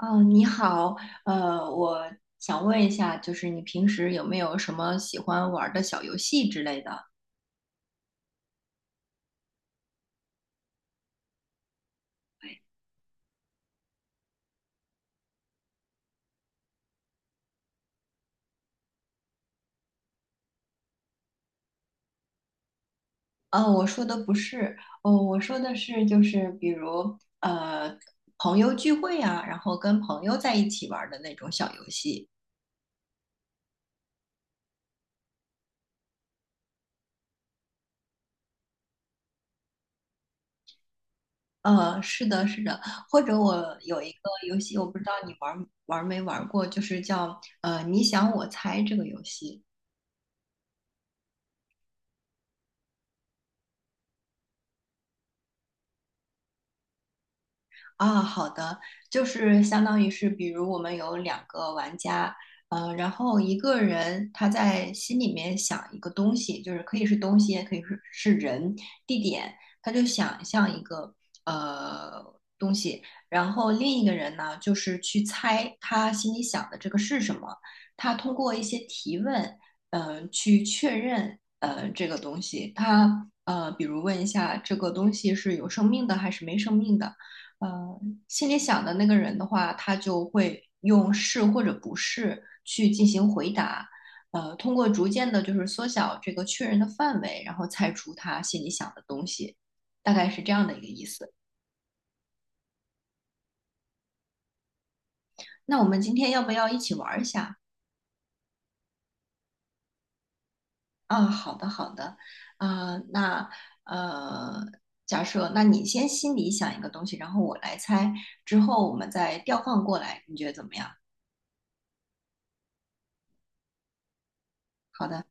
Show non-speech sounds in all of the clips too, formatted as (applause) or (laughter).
哦，你好，我想问一下，就是你平时有没有什么喜欢玩儿的小游戏之类的？哦，我说的不是，哦，我说的是就是比如呃朋友聚会啊，然后跟朋友在一起玩儿的那种小游戏。呃，是的，是的，或者我有一个游戏，我不知道你玩儿没玩儿过，就是叫你想我猜这个游戏。啊，好的，就是相当于是，比如我们有两个玩家，嗯，然后一个人他在心里面想一个东西，就是可以是东西，也可以是人、地点，他就想象一个呃东西，然后另一个人呢，就是去猜他心里想的这个是什么，他通过一些提问，嗯、去确认这个东西，他比如问一下这个东西是有生命的还是没生命的。呃，心里想的那个人的话，他就会用是或者不是去进行回答，呃，通过逐渐的就是缩小这个确认的范围，然后猜出他心里想的东西，大概是这样的一个意思。那我们今天要不要一起玩儿一下？啊，好的，好的，啊、那呃，假设那你先心里想一个东西，然后我来猜，之后我们再调换过来，你觉得怎么样？好的。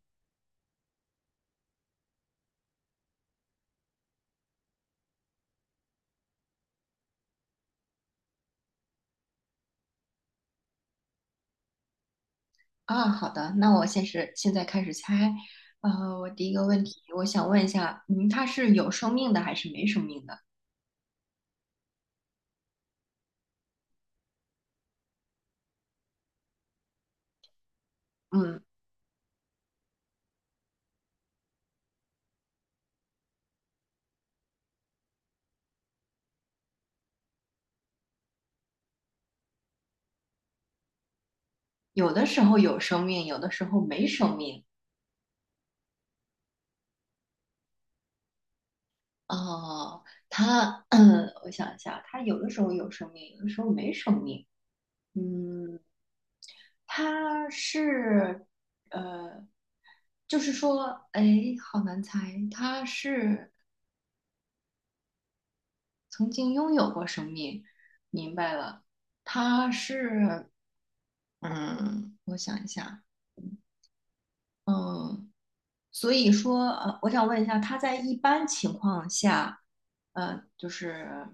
啊，好的，那我现在开始猜。呃，我第一个问题，我想问一下，嗯，它是有生命的还是没生命的？嗯，有的时候有生命，有的时候没生命。哦，它，(clears throat) 嗯，我想一下，它有的时候有生命，有的时候没生命。嗯，它是，呃，就是说，哎，好难猜，它是曾经拥有过生命，明白了。它是嗯，我想一下，嗯，所以说，呃，我想问一下，他在一般情况下，呃，就是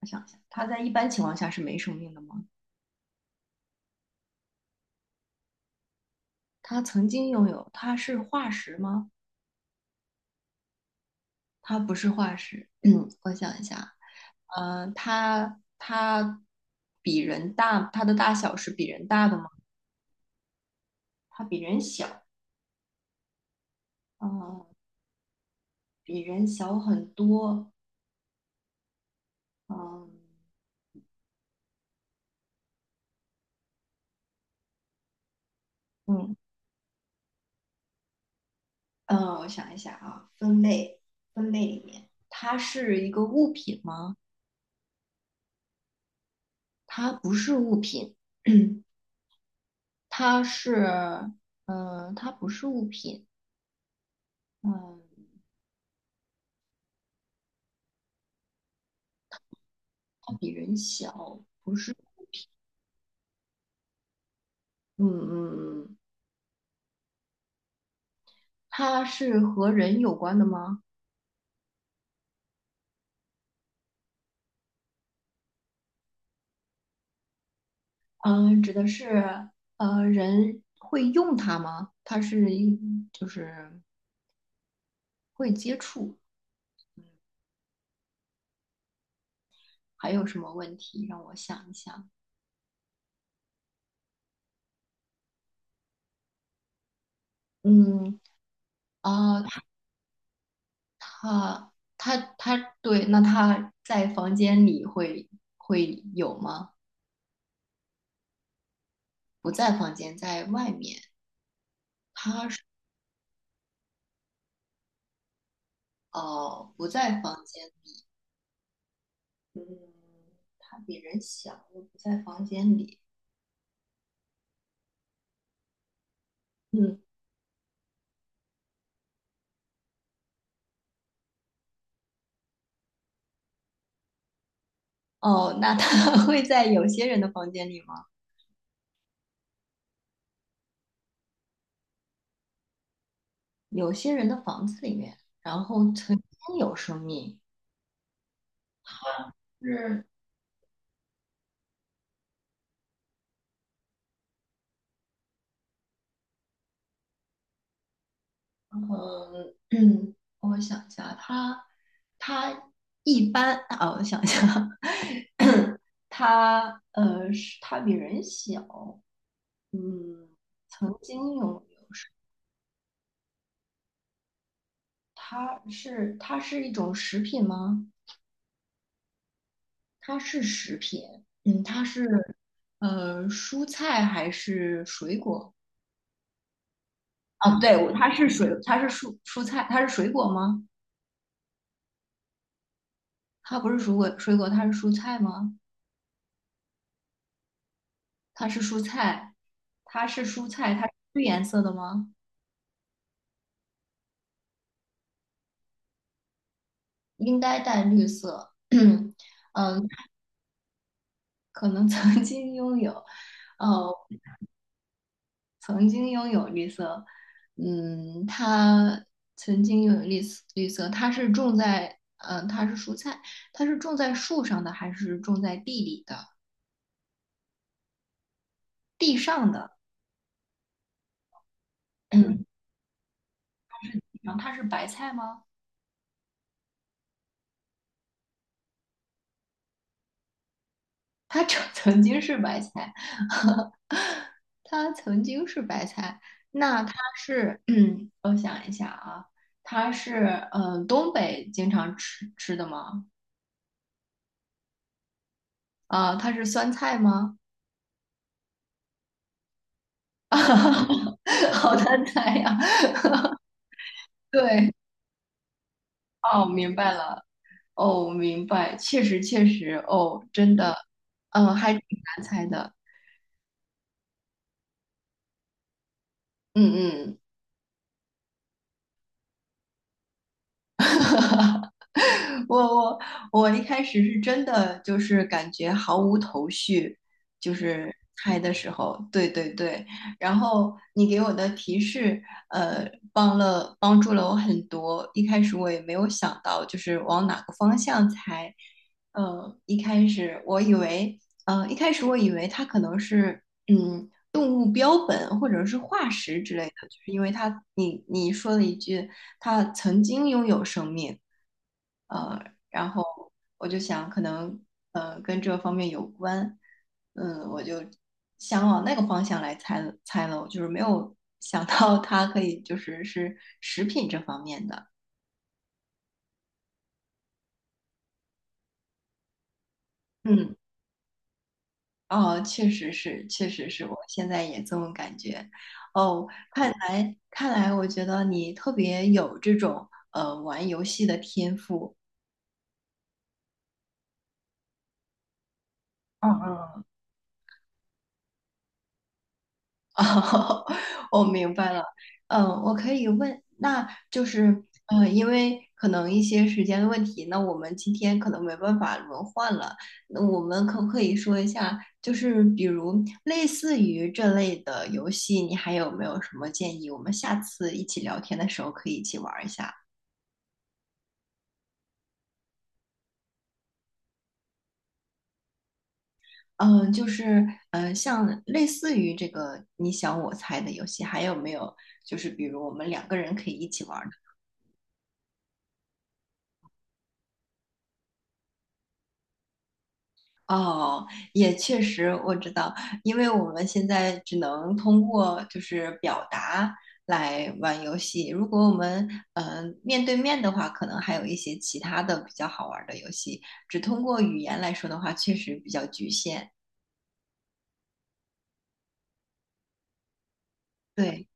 我想一下，他在一般情况下是没生命的吗？他曾经拥有，他是化石吗？他不是化石，(clears throat) 嗯，我想一下，呃，他比人大，他的大小是比人大的吗？他比人小，嗯、比人小很多，嗯、嗯。嗯，我想一下啊，分类里面，它是一个物品吗？它不是物品，(clears throat) 它是，嗯、它不是物品，嗯、它比人小，不是，嗯嗯，嗯它是和人有关的吗？嗯、指的是，呃，人会用它吗？它是一，就是会接触，嗯，还有什么问题？让我想一想，嗯，啊、他，对，那他在房间里会会有吗？不在房间，在外面。他是哦，不在房间里。嗯，他比人小，又不在房间里。嗯，哦，那他 (laughs) 会在有些人的房间里吗？有些人的房子里面，然后曾经有生命，是嗯，(clears throat) 我想一下，他他一般啊，我想一下，(clears throat) 他是他比人小，嗯，曾经有他是它是一种食品吗？它是食品，嗯，它是蔬菜还是水果？啊，对，我它是水，它是蔬菜，它是水果吗？它不是水果，水果它是蔬菜吗？它是蔬菜，它是蔬菜，它是绿颜色的吗？应该带绿色。(clears throat) 嗯，呃可能曾经拥有，呃，曾经拥有绿色。嗯，它曾经拥有绿色，绿色，它是种在，嗯、它是蔬菜，它是种在树上的还是种在地里的？地上的。(clears throat) 嗯，然后它是白菜吗？它 (laughs) 曾经是白菜。它曾经是白菜，那它是，嗯，我想一下啊，它是，嗯，呃东北经常吃的吗？啊、它是酸菜吗？(laughs) 好难猜呀。对，哦，明白了，哦，明白，确实确实，哦，真的，嗯、还挺难猜的，嗯嗯。(laughs) 我我一开始是真的就是感觉毫无头绪，就是猜的时候，对对对。然后你给我的提示，呃，帮助了我很多。一开始我也没有想到，就是往哪个方向猜。呃，一开始我以为，呃，一开始我以为它可能是，嗯，动物标本或者是化石之类的，就是因为它，你你说了一句，它曾经拥有生命。呃，然后我就想可能跟这方面有关，嗯，我就想往那个方向来猜了，我就是没有 (laughs) 想到它可以就是是食品这方面的，嗯，哦，确实是，确实是我现在也这么感觉，哦，看来，我觉得你特别有这种玩游戏的天赋，嗯嗯哦，(laughs) 我明白了。嗯，我可以问，那就是，嗯，因为可能一些时间的问题，那我们今天可能没办法轮换了。那我们可不可以说一下，就是比如类似于这类的游戏，你还有没有什么建议？我们下次一起聊天的时候可以一起玩儿一下。嗯，就是，嗯，像类似于这个你想我猜的游戏，还有没有？就是比如我们两个人可以一起玩儿的哦，也确实，我知道，因为我们现在只能通过就是表达来玩游戏。如果我们嗯、面对面的话，可能还有一些其他的比较好玩儿的游戏。只通过语言来说的话，确实比较局限。对，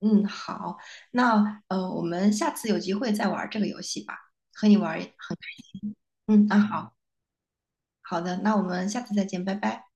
嗯，好，那我们下次有机会再玩儿这个游戏吧，和你玩儿一嗯，那好，好的，那我们下次再见，拜拜。